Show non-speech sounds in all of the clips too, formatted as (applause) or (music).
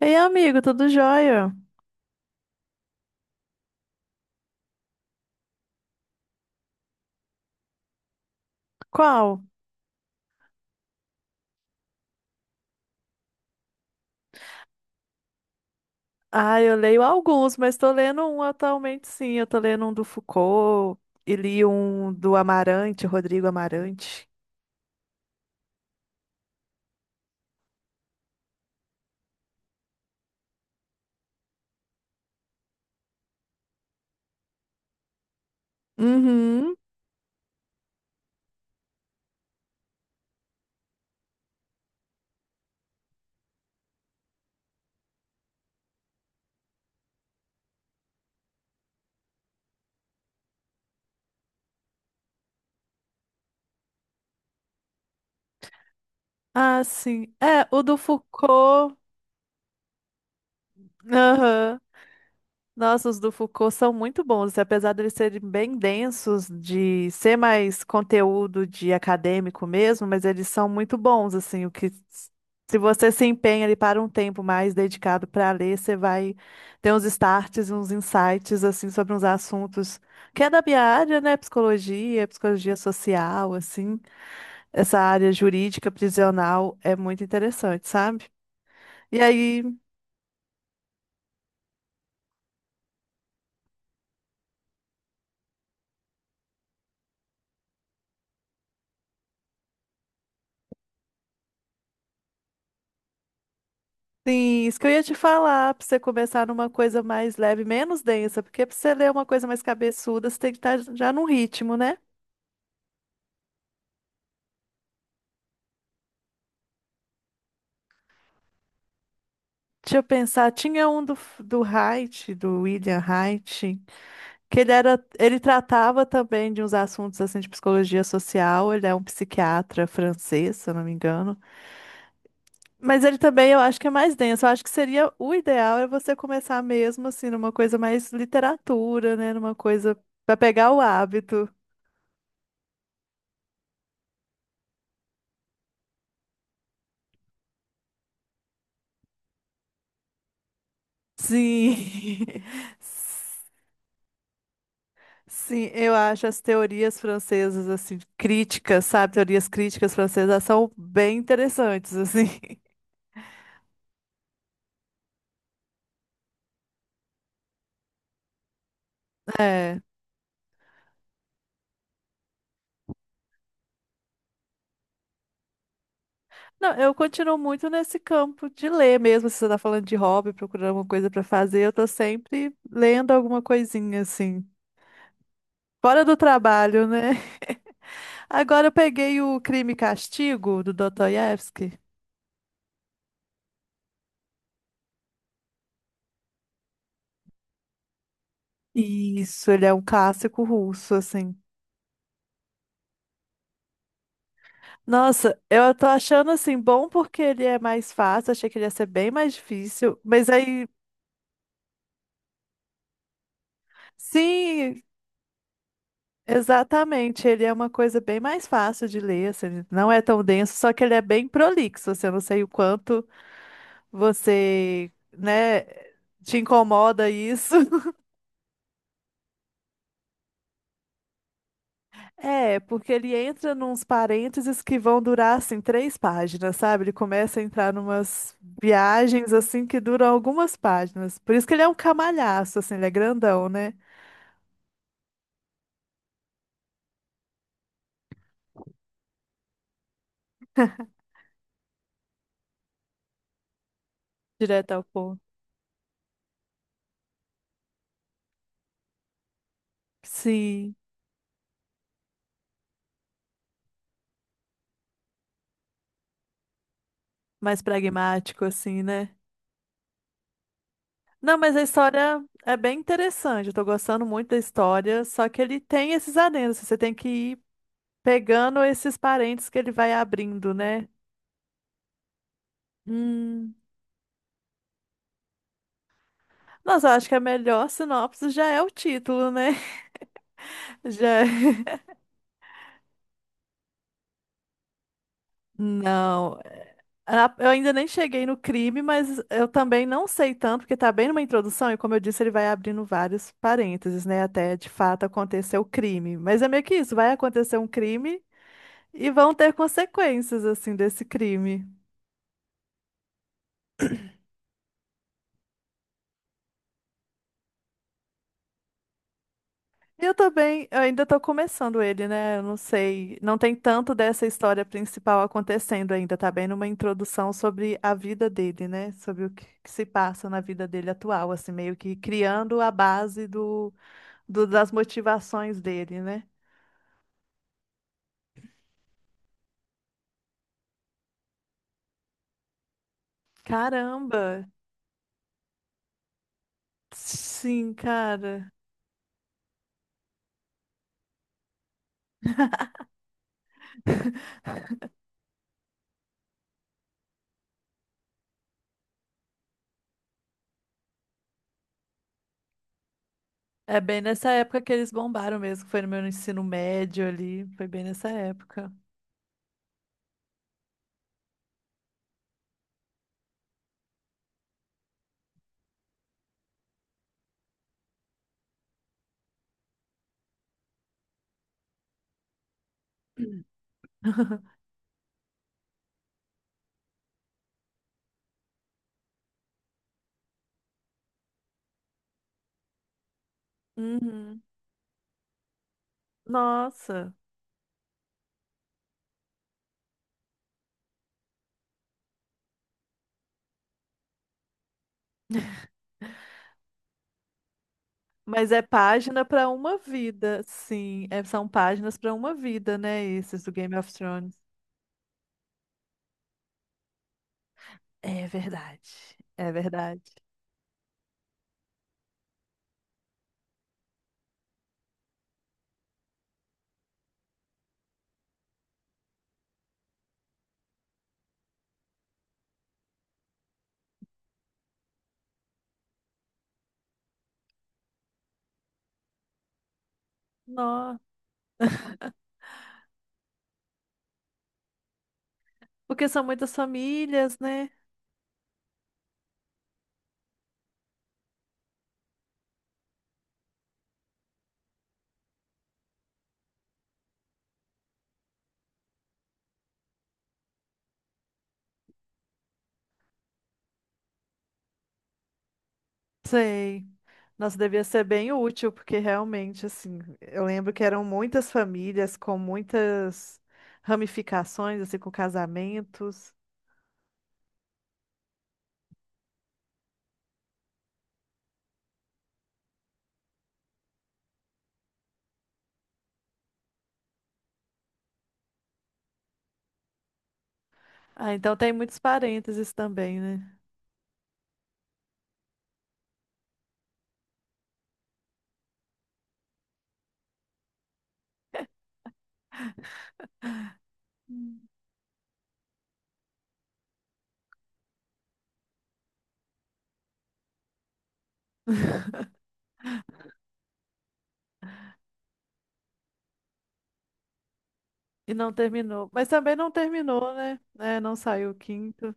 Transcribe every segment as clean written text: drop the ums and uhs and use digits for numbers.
Ei, amigo, tudo jóia? Qual? Ah, eu leio alguns, mas tô lendo um atualmente, sim. Eu tô lendo um do Foucault e li um do Amarante, Rodrigo Amarante. Uhum. Ah, sim. É, o do Foucault. Aham. Nossa, os do Foucault são muito bons, e apesar de eles serem bem densos, de ser mais conteúdo de acadêmico mesmo, mas eles são muito bons, assim, se você se empenha ali para um tempo mais dedicado para ler, você vai ter uns starts, uns insights, assim, sobre uns assuntos que é da minha área, né, psicologia, psicologia social, assim, essa área jurídica prisional é muito interessante, sabe? E aí sim, isso que eu ia te falar, pra você começar numa coisa mais leve, menos densa, porque pra você ler uma coisa mais cabeçuda, você tem que estar já num ritmo, né? Deixa eu pensar, tinha um do Haidt, do William Haidt, que ele era, ele tratava também de uns assuntos assim de psicologia social, ele é um psiquiatra francês, se eu não me engano. Mas ele também, eu acho que é mais denso, eu acho que seria, o ideal é você começar mesmo assim numa coisa mais literatura, né, numa coisa para pegar o hábito. Sim. (laughs) Sim, eu acho as teorias francesas assim críticas, sabe? Teorias críticas francesas são bem interessantes assim. (laughs) É. Não, eu continuo muito nesse campo de ler mesmo, se você tá falando de hobby, procurando alguma coisa pra fazer, eu tô sempre lendo alguma coisinha assim. Fora do trabalho, né? (laughs) Agora eu peguei o Crime e Castigo do Dostoiévski. Isso, ele é um clássico russo assim. Nossa, eu tô achando assim bom porque ele é mais fácil, achei que ele ia ser bem mais difícil, mas aí sim, exatamente, ele é uma coisa bem mais fácil de ler, assim, ele não é tão denso, só que ele é bem prolixo, assim, eu não sei o quanto você, né, te incomoda isso. (laughs) É, porque ele entra nos parênteses que vão durar assim três páginas, sabe? Ele começa a entrar numas viagens assim que duram algumas páginas. Por isso que ele é um camalhaço, assim, ele é grandão, né? Direto ao ponto. Sim, mais pragmático, assim, né? Não, mas a história é bem interessante. Eu tô gostando muito da história, só que ele tem esses adendos. Você tem que ir pegando esses parentes que ele vai abrindo, né? Hum. Nossa, eu acho que a melhor sinopse já é o título, né? (laughs) Já é. Não. Ah, eu ainda nem cheguei no crime, mas eu também não sei tanto, porque tá bem numa introdução, e como eu disse, ele vai abrindo vários parênteses, né? Até de fato acontecer o crime. Mas é meio que isso, vai acontecer um crime e vão ter consequências, assim, desse crime. E eu também, eu ainda tô começando ele, né? Eu não sei, não tem tanto dessa história principal acontecendo ainda, tá bem numa introdução sobre a vida dele, né? Sobre o que que se passa na vida dele atual, assim, meio que criando a base das motivações dele, né? Caramba! Sim, cara. (laughs) É bem nessa época que eles bombaram mesmo, que foi no meu ensino médio ali, foi bem nessa época. (laughs) Uhum. Nossa, mas é página para uma vida, sim, são páginas para uma vida, né? Esses do Game of Thrones. É verdade, é verdade. Nó, porque são muitas famílias, né? Sei. Nossa, devia ser bem útil, porque realmente, assim, eu lembro que eram muitas famílias com muitas ramificações, assim, com casamentos. Ah, então tem muitos parênteses também, né? Hum. (laughs) E não terminou. Mas também não terminou, né? É, não saiu o quinto.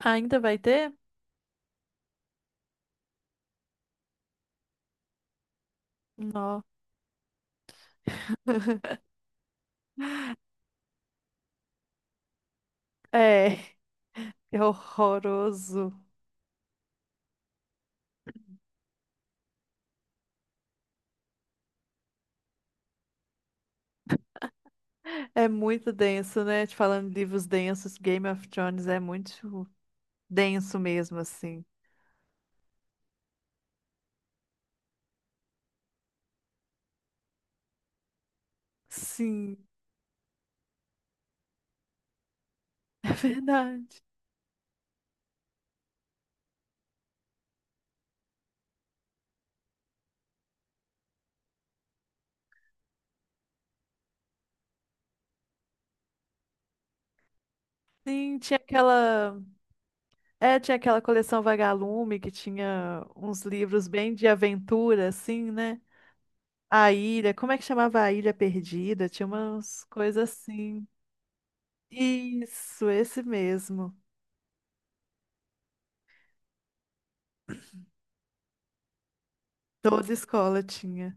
Ainda vai ter? Não. (laughs) É, é horroroso. É muito denso, né? Te falando de livros densos, Game of Thrones é muito denso mesmo, assim. Sim, (laughs) é verdade. Sim, tinha aquela coleção Vagalume que tinha uns livros bem de aventura, assim, né? A Ilha, como é que chamava a Ilha Perdida? Tinha umas coisas assim. Isso, esse mesmo. Toda escola tinha.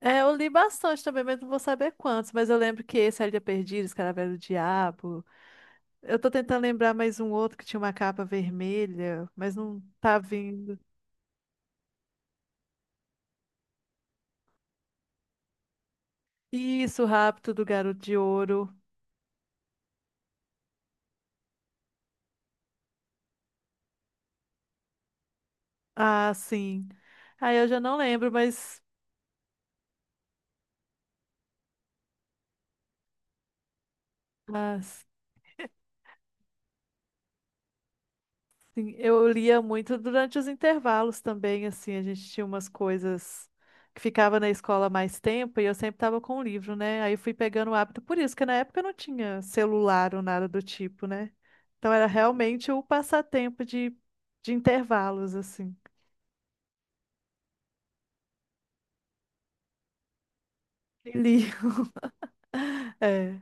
É, eu li bastante também, mas não vou saber quantos, mas eu lembro que esse, A Ilha Perdida, Escaravelho do Diabo. Eu tô tentando lembrar mais um outro que tinha uma capa vermelha, mas não tá vindo. Isso, o rapto do Garoto de Ouro. Ah, sim. Ah, eu já não lembro, mas ah, sim, eu lia muito durante os intervalos também, assim, a gente tinha umas coisas que ficava na escola mais tempo e eu sempre tava com o livro, né? Aí eu fui pegando o hábito por isso, que na época eu não tinha celular ou nada do tipo, né? Então era realmente o passatempo de intervalos, assim. E li. (laughs) É.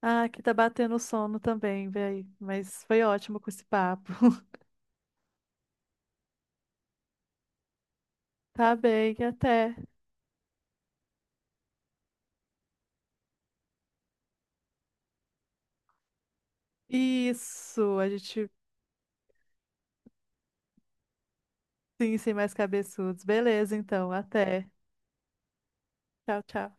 Ah, aqui tá batendo sono também, véi. Mas foi ótimo com esse papo. (laughs) Tá bem, até. Isso, a gente sim, sem mais cabeçudos. Beleza, então, até. Tchau, tchau.